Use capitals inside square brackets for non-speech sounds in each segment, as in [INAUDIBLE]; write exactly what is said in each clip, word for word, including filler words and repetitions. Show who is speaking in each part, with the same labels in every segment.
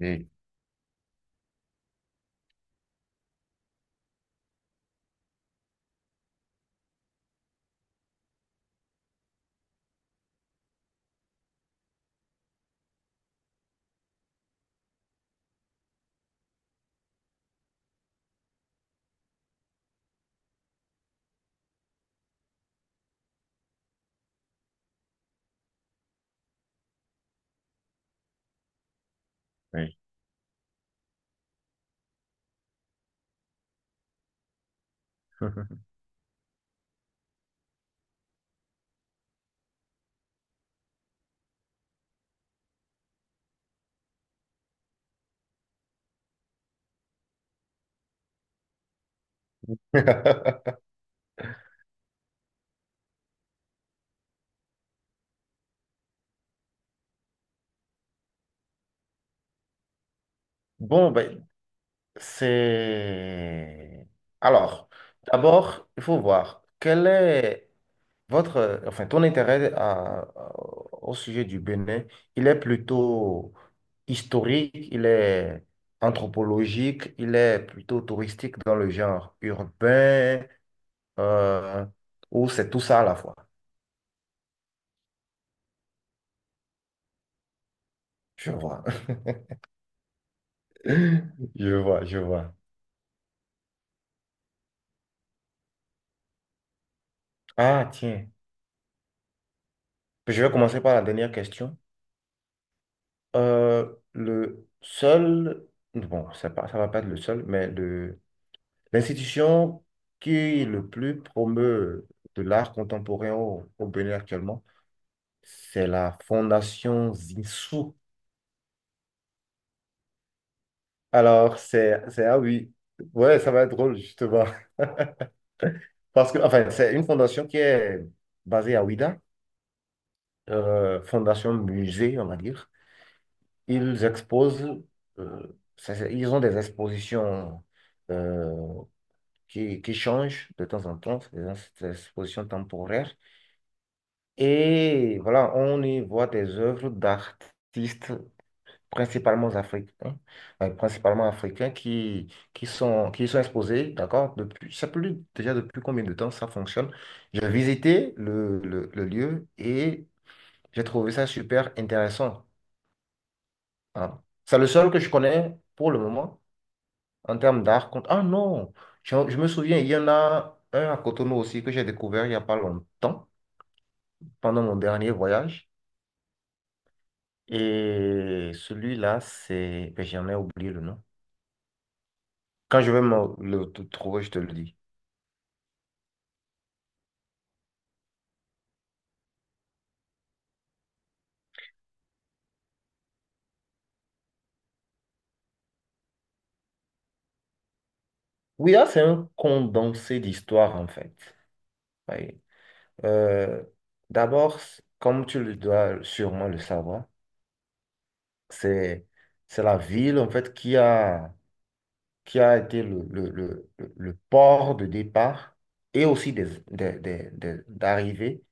Speaker 1: Oui, oui. [LAUGHS] Bon, ben, c'est... Alors, d'abord, il faut voir quel est votre, enfin, ton intérêt à- au sujet du Bénin. Il est plutôt historique, il est anthropologique, il est plutôt touristique dans le genre urbain, euh, ou c'est tout ça à la fois. Je vois. [LAUGHS] Je vois, je vois. Ah, tiens. Je vais commencer par la dernière question. Euh, le seul, bon, ça, pas- ça va pas être le seul, mais le, l'institution qui le plus promeut de l'art contemporain au, au Bénin actuellement, c'est la Fondation Zinsou. Alors, c'est, c'est, ah oui, ouais, ça va être drôle, justement. [LAUGHS] Parce que, enfin, c'est une fondation qui est basée à Ouidah, euh, fondation musée, on va dire. Ils exposent, euh, ça- ça- ils ont des expositions. euh, qui, qui changent de temps en temps, des ex- des expositions temporaires. Et voilà, on y voit des œuvres d'artistes principalement africains, euh, principalement africains qui, qui sont, qui sont exposés, d'accord, depuis, je sais plus déjà depuis combien de temps ça fonctionne. J'ai visité le, le, le lieu et j'ai trouvé ça super intéressant, hein. C'est le seul que je connais pour le moment. En termes d'art, compte- ah non, je, je me souviens, il y en a un à Cotonou aussi que j'ai découvert il n'y a pas longtemps, pendant mon dernier voyage. Et celui-là, c'est... ben, j'en ai oublié le nom. Quand je vais me le t- trouver, je te le dis. Oui, là, c'est un condensé d'histoire, en fait. Oui. Euh, D'abord, c- comme tu le dois sûrement le savoir, c'est, c'est la ville, en fait, qui a qui a été le, le, le, le- port de départ et aussi des, des, des- des- d'arrivée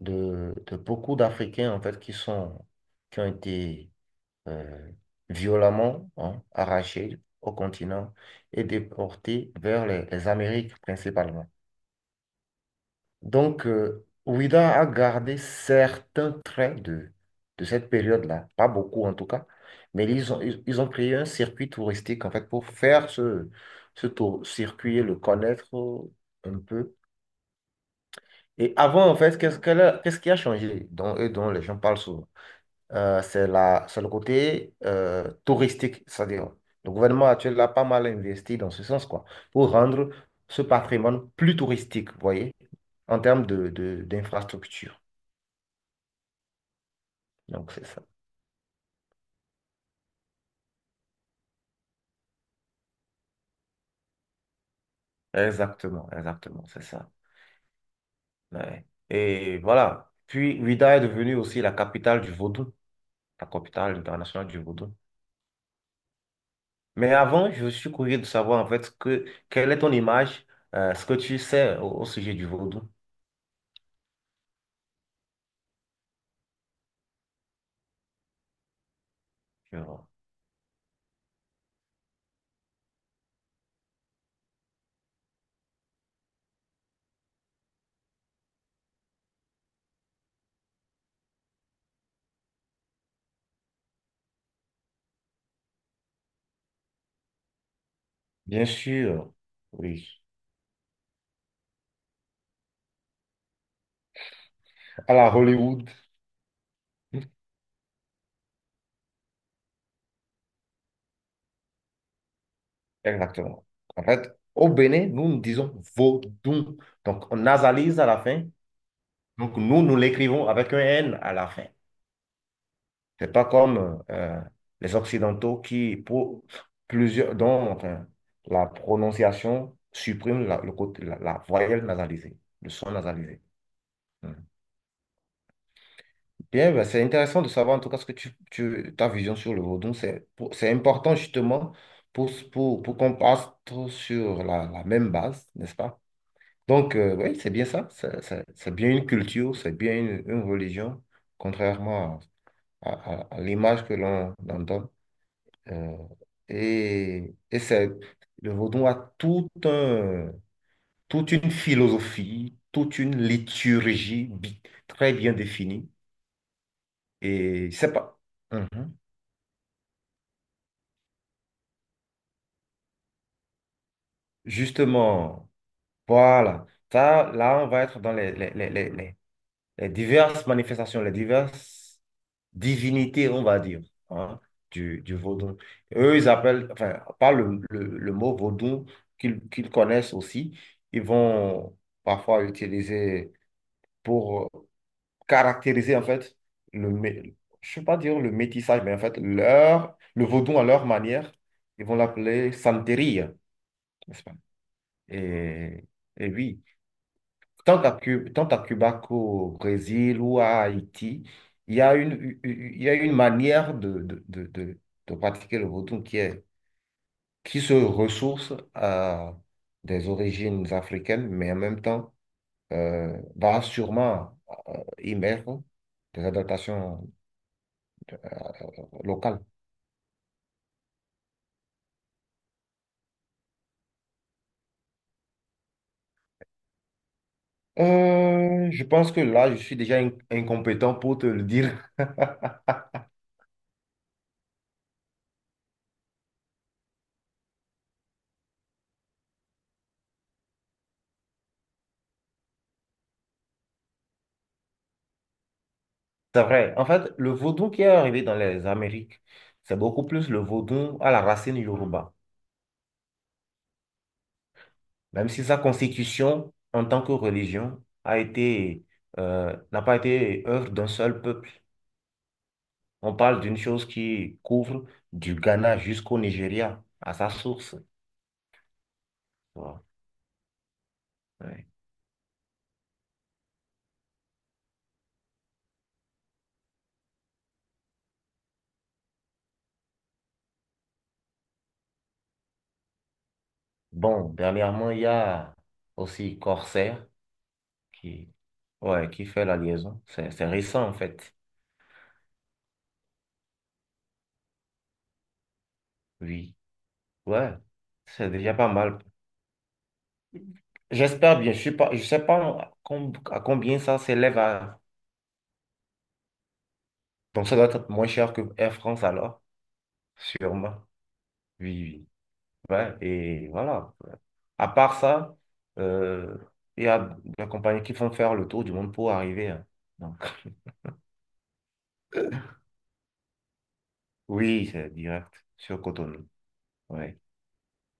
Speaker 1: de, de beaucoup d'Africains en fait qui sont qui ont été euh, violemment, hein, arrachés au continent et déportés vers les, les Amériques principalement. Donc, euh, Ouida a gardé certains traits de, de cette période-là, pas beaucoup en tout cas, mais ils ont, ils, ils ont créé un circuit touristique en fait pour faire ce, ce tour, circuit et le connaître euh, un peu. Et avant, en fait, qu'est-ce qu'elle a- qu'est-ce qui a changé dont, et dont les gens parlent souvent? Euh, c'est la, c'est le côté euh, touristique. C'est-à-dire, le gouvernement actuel a pas mal investi dans ce sens, quoi, pour rendre ce patrimoine plus touristique, vous voyez, en termes de, de- d'infrastructure. Donc, c'est ça. Exactement, exactement, c'est ça. Ouais. Et voilà. Puis, Ouidah est devenue aussi la capitale du vaudou, la capitale internationale du vaudou. Mais avant, je suis curieux de savoir, en fait, que, quelle est ton image, euh, ce que tu sais au, au sujet du vaudou. Tu vois. Bien sûr, oui. À la Hollywood, exactement. En fait, au Bénin, nous, nous disons vaudou. Donc, on nasalise à la fin. Donc, nous, nous l'écrivons avec un N à la fin. C'est pas comme euh, les Occidentaux qui, pour plusieurs, dont enfin, la prononciation supprime la, le côté, la, la voyelle nasalisée, le son nasalisé. Mhm. Bien, ben, c'est intéressant de savoir en tout cas ce que tu, tu- ta vision sur le vaudou. C'est pour- c'est important justement pour, pour, pour qu'on parte sur la la même base, n'est-ce pas? Donc, euh, oui, c'est bien ça. ça- ça- C'est bien une culture, c'est bien une, une religion, contrairement à, à- à- à l'image que l'on en donne. Euh, et et c'est, le vaudou a tout un- toute une philosophie, toute une liturgie bi- très bien définie. Et c'est pas. Mhm. Justement, voilà. Ça, là, on va être dans les, les, les, les, les les diverses manifestations, les diverses. Divinité, on va dire, hein, du, du vaudou. Eux, ils appellent, enfin, par le, le- le mot vaudou qu'ils qu'ils connaissent aussi, ils vont parfois utiliser pour caractériser, en fait, le, mé- je ne vais pas dire le métissage, mais en fait, leur, le vaudou à leur manière, ils vont l'appeler santeria, n'est-ce pas? Et, et oui, tant à Cuba, tant à Cuba qu'au Brésil ou à Haïti, il y a une, il y a une manière de, de, de, de- de pratiquer le vodou qui est, qui se ressource à des origines africaines, mais en même temps euh, va sûrement émettre des adaptations locales. Euh, je pense que là, je suis déjà in- incompétent pour te le dire. [LAUGHS] C'est vrai. En fait, le vaudou qui est arrivé dans les Amériques, c'est beaucoup plus le vaudou à la racine Yoruba. Même si sa constitution en tant que religion a été, euh, n'a pas été œuvre d'un seul peuple. On parle d'une chose qui couvre du Ghana jusqu'au Nigeria, à sa source, tu vois. Ouais. Bon, dernièrement, il y a aussi Corsair qui, ouais, qui fait la liaison. C'est, c'est récent, en fait. Oui, ouais, c'est déjà pas mal. J'espère bien, je suis pas, je sais pas com- à combien ça s'élève à... Donc ça doit être moins cher que Air France alors, sûrement. Oui, oui. Ouais, et voilà. À part ça, euh, il y a des compagnies qui font faire le tour du monde pour arriver, hein. Donc, [LAUGHS] oui, c'est direct sur Cotonou. Ouais.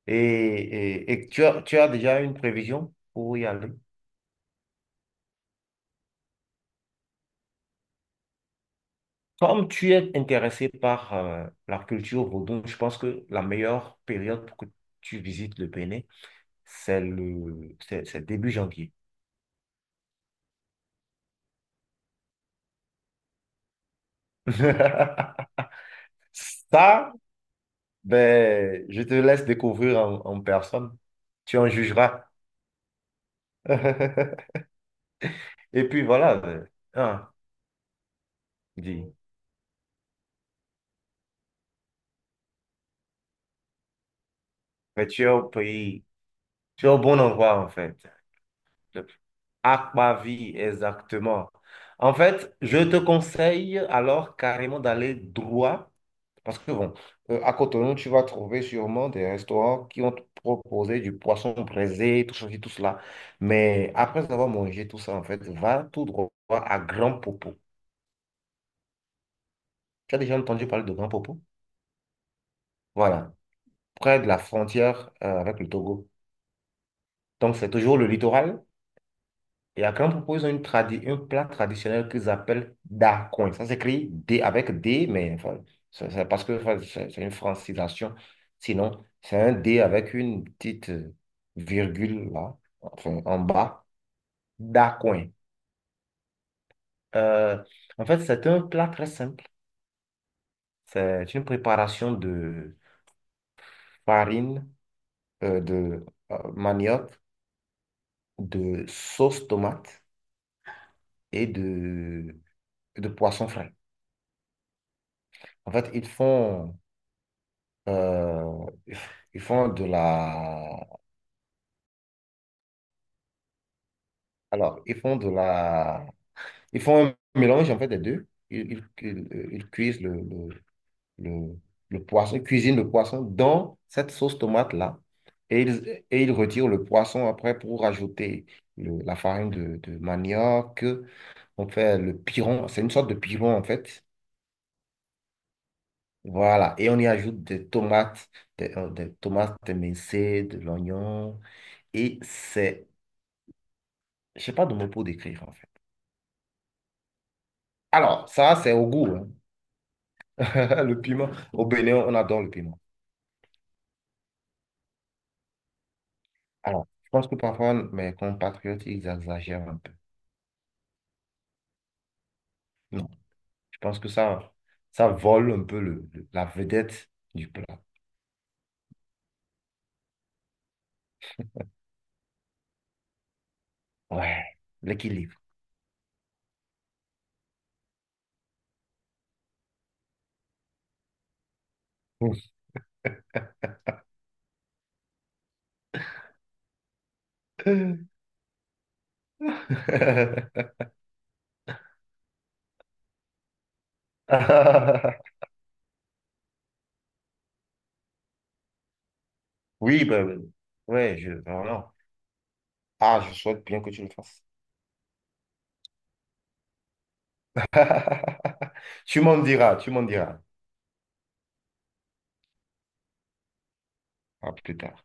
Speaker 1: Et, et, et tu as, tu as déjà une prévision pour y aller? Comme tu es intéressé par euh, la culture vaudou, je pense que la meilleure période pour que tu visites le Bénin, c'est le, c'est c'est début janvier. [LAUGHS] Ça, ben, je te laisse découvrir en en personne. Tu en jugeras. [LAUGHS] Et puis voilà, euh, ah, dis. Mais tu es au pays, tu es au bon endroit en fait. Le- Aquavie, exactement. En fait, je te conseille alors carrément d'aller droit, parce que bon, euh, à Cotonou, tu vas trouver sûrement des restaurants qui vont te proposer du poisson braisé, tout ceci, tout cela. Mais après avoir mangé tout ça, en fait, va tout droit à Grand Popo. Tu as déjà entendu parler de Grand Popo? Voilà, près de la frontière, euh, avec le Togo. Donc, c'est toujours le littoral. Et à Caen, on propose une tradi- un plat traditionnel qu'ils appellent dacoin. Ça s'écrit D avec D, mais enfin, c'est c'est parce que enfin, c'est c'est une francisation. Sinon, c'est un D avec une petite euh, virgule là, enfin, en bas. Dacoin. Euh, En fait, c'est un plat très simple. C'est une préparation de farine, euh, de euh, manioc, de sauce tomate et de, de poisson frais. En fait, ils font Euh, ils font de la... Alors, ils font de la... Ils font un mélange, en fait, des deux. Ils, ils, ils- euh, ils cuisent le, le, le, le poisson, ils cuisinent le poisson dans cette sauce tomate-là. Et ils, et ils retirent le poisson après pour rajouter le- la farine de, de manioc. On fait le piron, c'est une sorte de piron, en fait. Voilà, et on y ajoute des tomates, des, euh, des tomates émincées, de l'oignon, et c'est, je sais pas de mots pour décrire en fait. Alors, ça, c'est au goût, hein. [LAUGHS] Le piment. Au Bénin, on adore le piment. Alors, je pense que parfois, mes compatriotes, ils exagèrent un peu. Non, je pense que ça, ça vole un peu le, le- la vedette du plat. Ouais, l'équilibre. [LAUGHS] Oui, ben, ben, ouais, je, voilà. Ah, je souhaite bien que tu le fasses. [LAUGHS] Tu m'en diras, tu m'en diras. À plus tard.